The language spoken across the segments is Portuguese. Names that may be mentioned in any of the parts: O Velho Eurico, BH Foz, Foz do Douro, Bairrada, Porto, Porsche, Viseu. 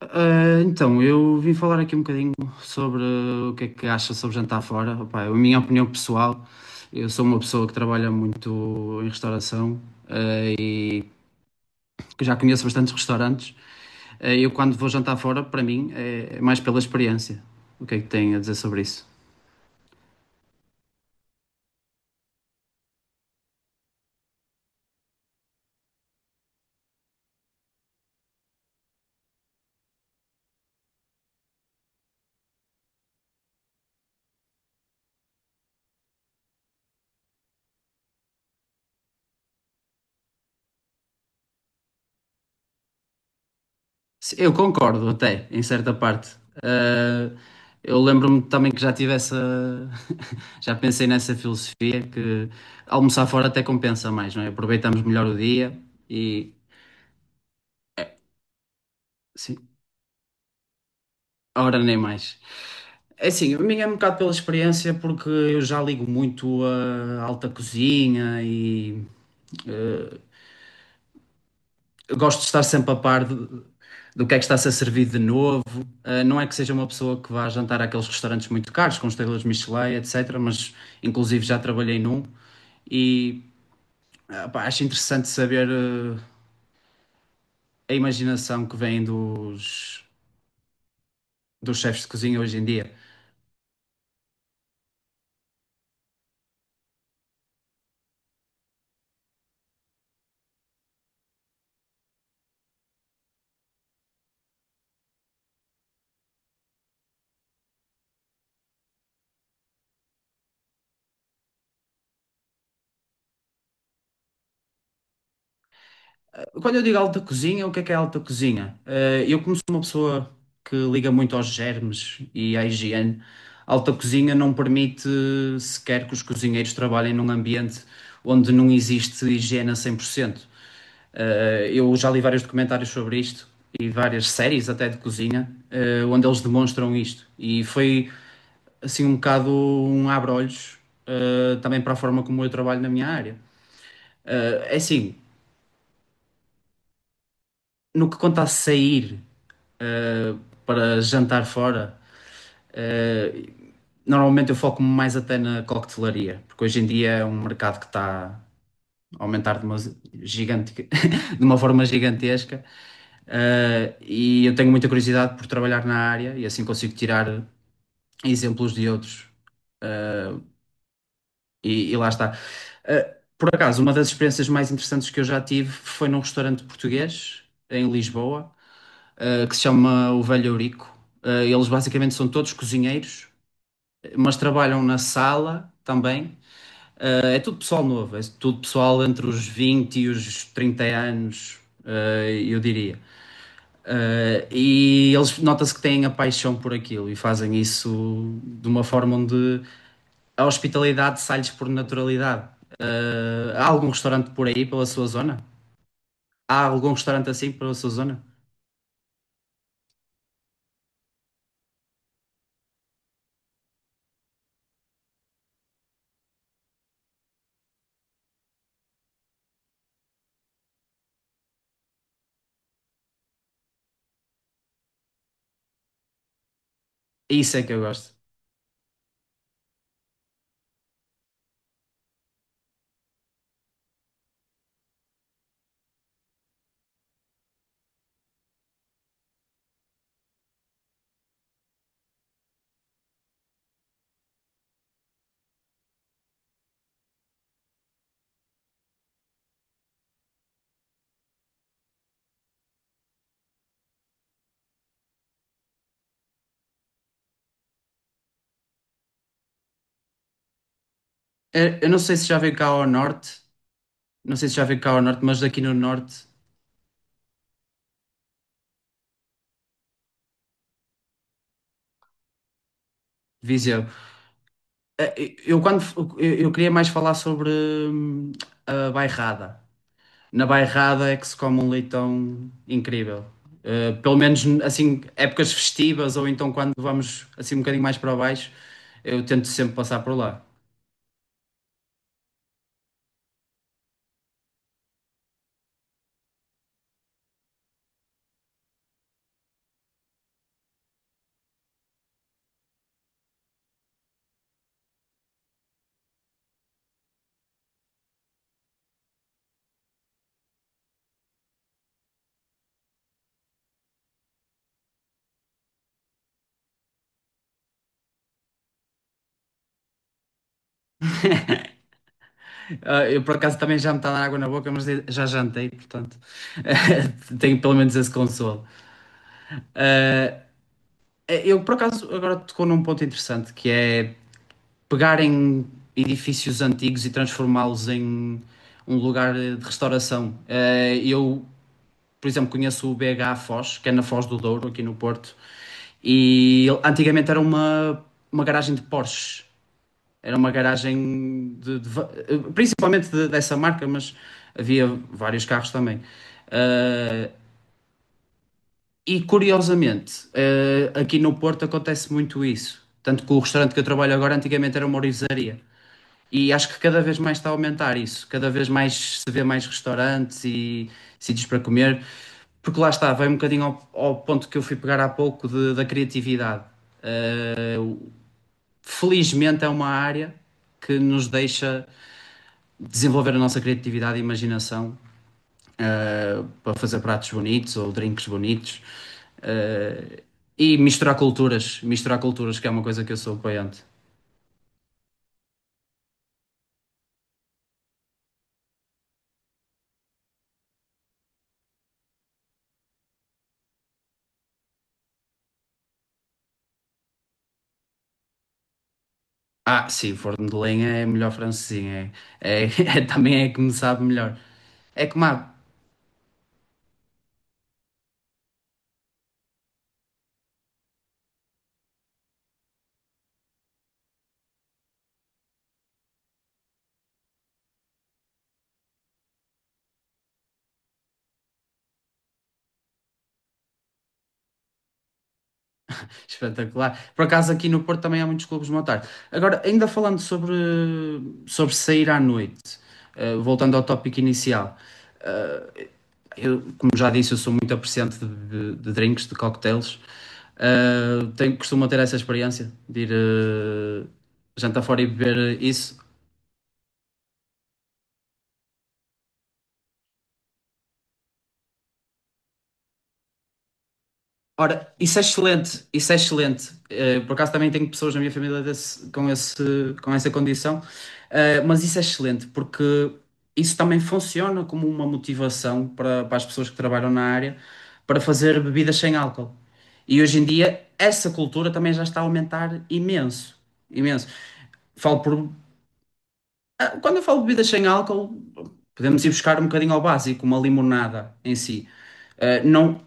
Eu vim falar aqui um bocadinho sobre o que é que acha sobre jantar fora. Opa, é a minha opinião pessoal, eu sou uma pessoa que trabalha muito em restauração, ah, e que já conheço bastantes restaurantes. Eu, quando vou jantar fora, para mim, é mais pela experiência. O que é que tem a dizer sobre isso? Sim, eu concordo até, em certa parte. Ah, eu lembro-me também que já tive essa. Já pensei nessa filosofia que almoçar fora até compensa mais, não é? Aproveitamos melhor o dia e. Sim, a hora nem mais. É assim, a minha é um bocado pela experiência, porque eu já ligo muito a alta cozinha e. ah, eu gosto de estar sempre a par do, do que é que está a ser servido de novo. Não é que seja uma pessoa que vá jantar àqueles restaurantes muito caros, com estrelas Michelin, etc. Mas, inclusive, já trabalhei num e pá, acho interessante saber a imaginação que vem dos, dos chefes de cozinha hoje em dia. Quando eu digo alta cozinha, o que é alta cozinha? Eu, como sou uma pessoa que liga muito aos germes e à higiene, alta cozinha não permite sequer que os cozinheiros trabalhem num ambiente onde não existe higiene a 100%. Eu já li vários documentários sobre isto e várias séries até de cozinha, onde eles demonstram isto. E foi assim um bocado um abre-olhos, também para a forma como eu trabalho na minha área. É assim, no que conta a sair eh, para jantar fora, eh, normalmente eu foco-me mais até na coquetelaria, porque hoje em dia é um mercado que está a aumentar de uma, gigante, de uma forma gigantesca. E eu tenho muita curiosidade por trabalhar na área e assim consigo tirar exemplos de outros. E lá está. Por acaso, uma das experiências mais interessantes que eu já tive foi num restaurante português em Lisboa, que se chama O Velho Eurico. Eles basicamente são todos cozinheiros, mas trabalham na sala também. É tudo pessoal novo, é tudo pessoal entre os 20 e os 30 anos, eu diria. E eles nota-se que têm a paixão por aquilo e fazem isso de uma forma onde a hospitalidade sai-lhes por naturalidade. Há algum restaurante por aí, pela sua zona? Há algum restaurante assim pela sua zona? Isso é que eu gosto. Eu não sei se já veio cá ao norte, não sei se já veio cá ao norte, mas aqui no norte, Viseu. Eu, quando eu queria mais falar sobre a bairrada. Na bairrada é que se come um leitão incrível. Pelo menos assim, épocas festivas ou então quando vamos assim um bocadinho mais para baixo, eu tento sempre passar por lá. Eu por acaso também já me está a dar água na boca, mas já jantei, portanto tenho pelo menos esse consolo. Eu por acaso agora tocou num ponto interessante que é pegarem edifícios antigos e transformá-los em um lugar de restauração. Eu, por exemplo, conheço o BH Foz, que é na Foz do Douro, aqui no Porto, e antigamente era uma garagem de Porsche. Era uma garagem de principalmente dessa marca, mas havia vários carros também. E curiosamente, aqui no Porto acontece muito isso. Tanto que o restaurante que eu trabalho agora antigamente era uma orivesaria. E acho que cada vez mais está a aumentar isso, cada vez mais se vê mais restaurantes e sítios para comer, porque lá está, vai um bocadinho ao, ao ponto que eu fui pegar há pouco da criatividade. Felizmente é uma área que nos deixa desenvolver a nossa criatividade e imaginação, para fazer pratos bonitos ou drinks bonitos, eh, e misturar culturas, que é uma coisa que eu sou apoiante. Ah, sim, forno de lenha é melhor francesinha. É, é- também é que me sabe melhor. É que má, espetacular. Por acaso aqui no Porto também há muitos clubes de boa tarde. Agora, ainda falando sobre, sobre sair à noite, voltando ao tópico inicial. Eu, como já disse, eu sou muito apreciante de, de drinks, de cocktails. Tenho, costumo ter essa experiência de ir jantar fora e beber isso. Ora, isso é excelente, isso é excelente. Por acaso também tenho pessoas na minha família com esse, com essa condição. Mas isso é excelente porque isso também funciona como uma motivação para, para as pessoas que trabalham na área para fazer bebidas sem álcool. E hoje em dia essa cultura também já está a aumentar imenso, imenso. Falo por, quando eu falo de bebidas sem álcool, podemos ir buscar um bocadinho ao básico, uma limonada em si. Não,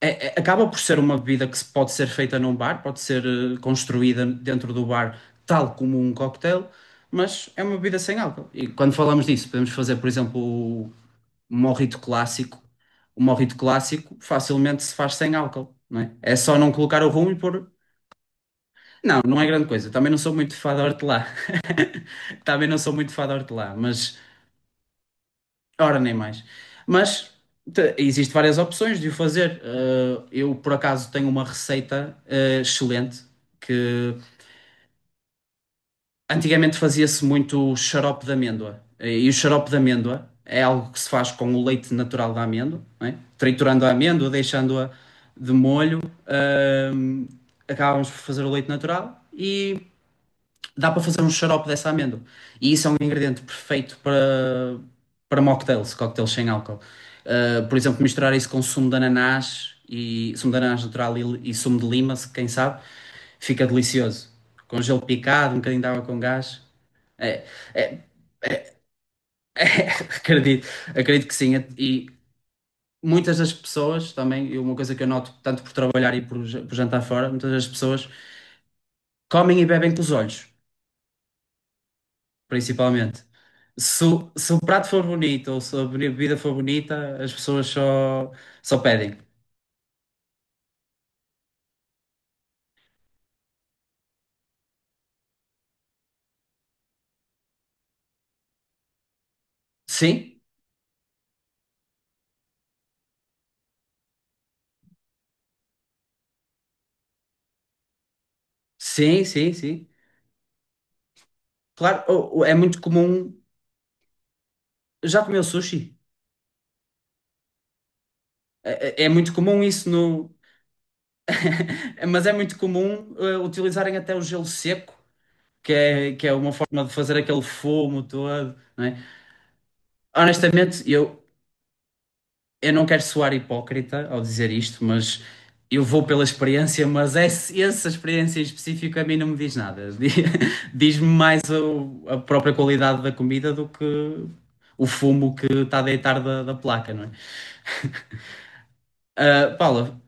acaba por ser uma bebida que se pode ser feita num bar, pode ser construída dentro do bar, tal como um cocktail, mas é uma bebida sem álcool. E quando falamos disso, podemos fazer, por exemplo, o mojito clássico. O mojito clássico facilmente se faz sem álcool, não é? É só não colocar o rum e pôr. Não, não é grande coisa. Também não sou muito fã de hortelã. Também não sou muito fã de hortelã, mas ora, nem mais. Mas existe várias opções de o fazer. Eu, por acaso, tenho uma receita, excelente, que antigamente fazia-se muito xarope de amêndoa. E o xarope de amêndoa é algo que se faz com o leite natural da amêndoa, não é? Triturando a amêndoa, deixando-a de molho. eh, Acabamos por fazer o leite natural e dá para fazer um xarope dessa amêndoa. E isso é um ingrediente perfeito para, para mocktails, cocktails sem álcool. Por exemplo, misturar isso com sumo de ananás e sumo de ananás natural e sumo de lima, quem sabe, fica delicioso. Com gelo picado, um bocadinho de água com gás. É, é- é, acredito, acredito que sim. E muitas das pessoas também, e uma coisa que eu noto tanto por trabalhar e por, por jantar fora, muitas das pessoas comem e bebem com os olhos. Principalmente. Se, se o prato for bonito ou se a bebida for bonita, as pessoas só, só pedem. Sim, sim, sim, sim. Claro, é muito comum. Já comeu sushi? É, é muito comum isso no. Mas é muito comum utilizarem até o gelo seco, que é uma forma de fazer aquele fumo todo, não é? Honestamente, eu não quero soar hipócrita ao dizer isto, mas eu vou pela experiência, mas essa experiência em específico a mim não me diz nada. Di- Diz-me mais a própria qualidade da comida do que o fumo que está a deitar da, da placa, não é? Ah, Paula,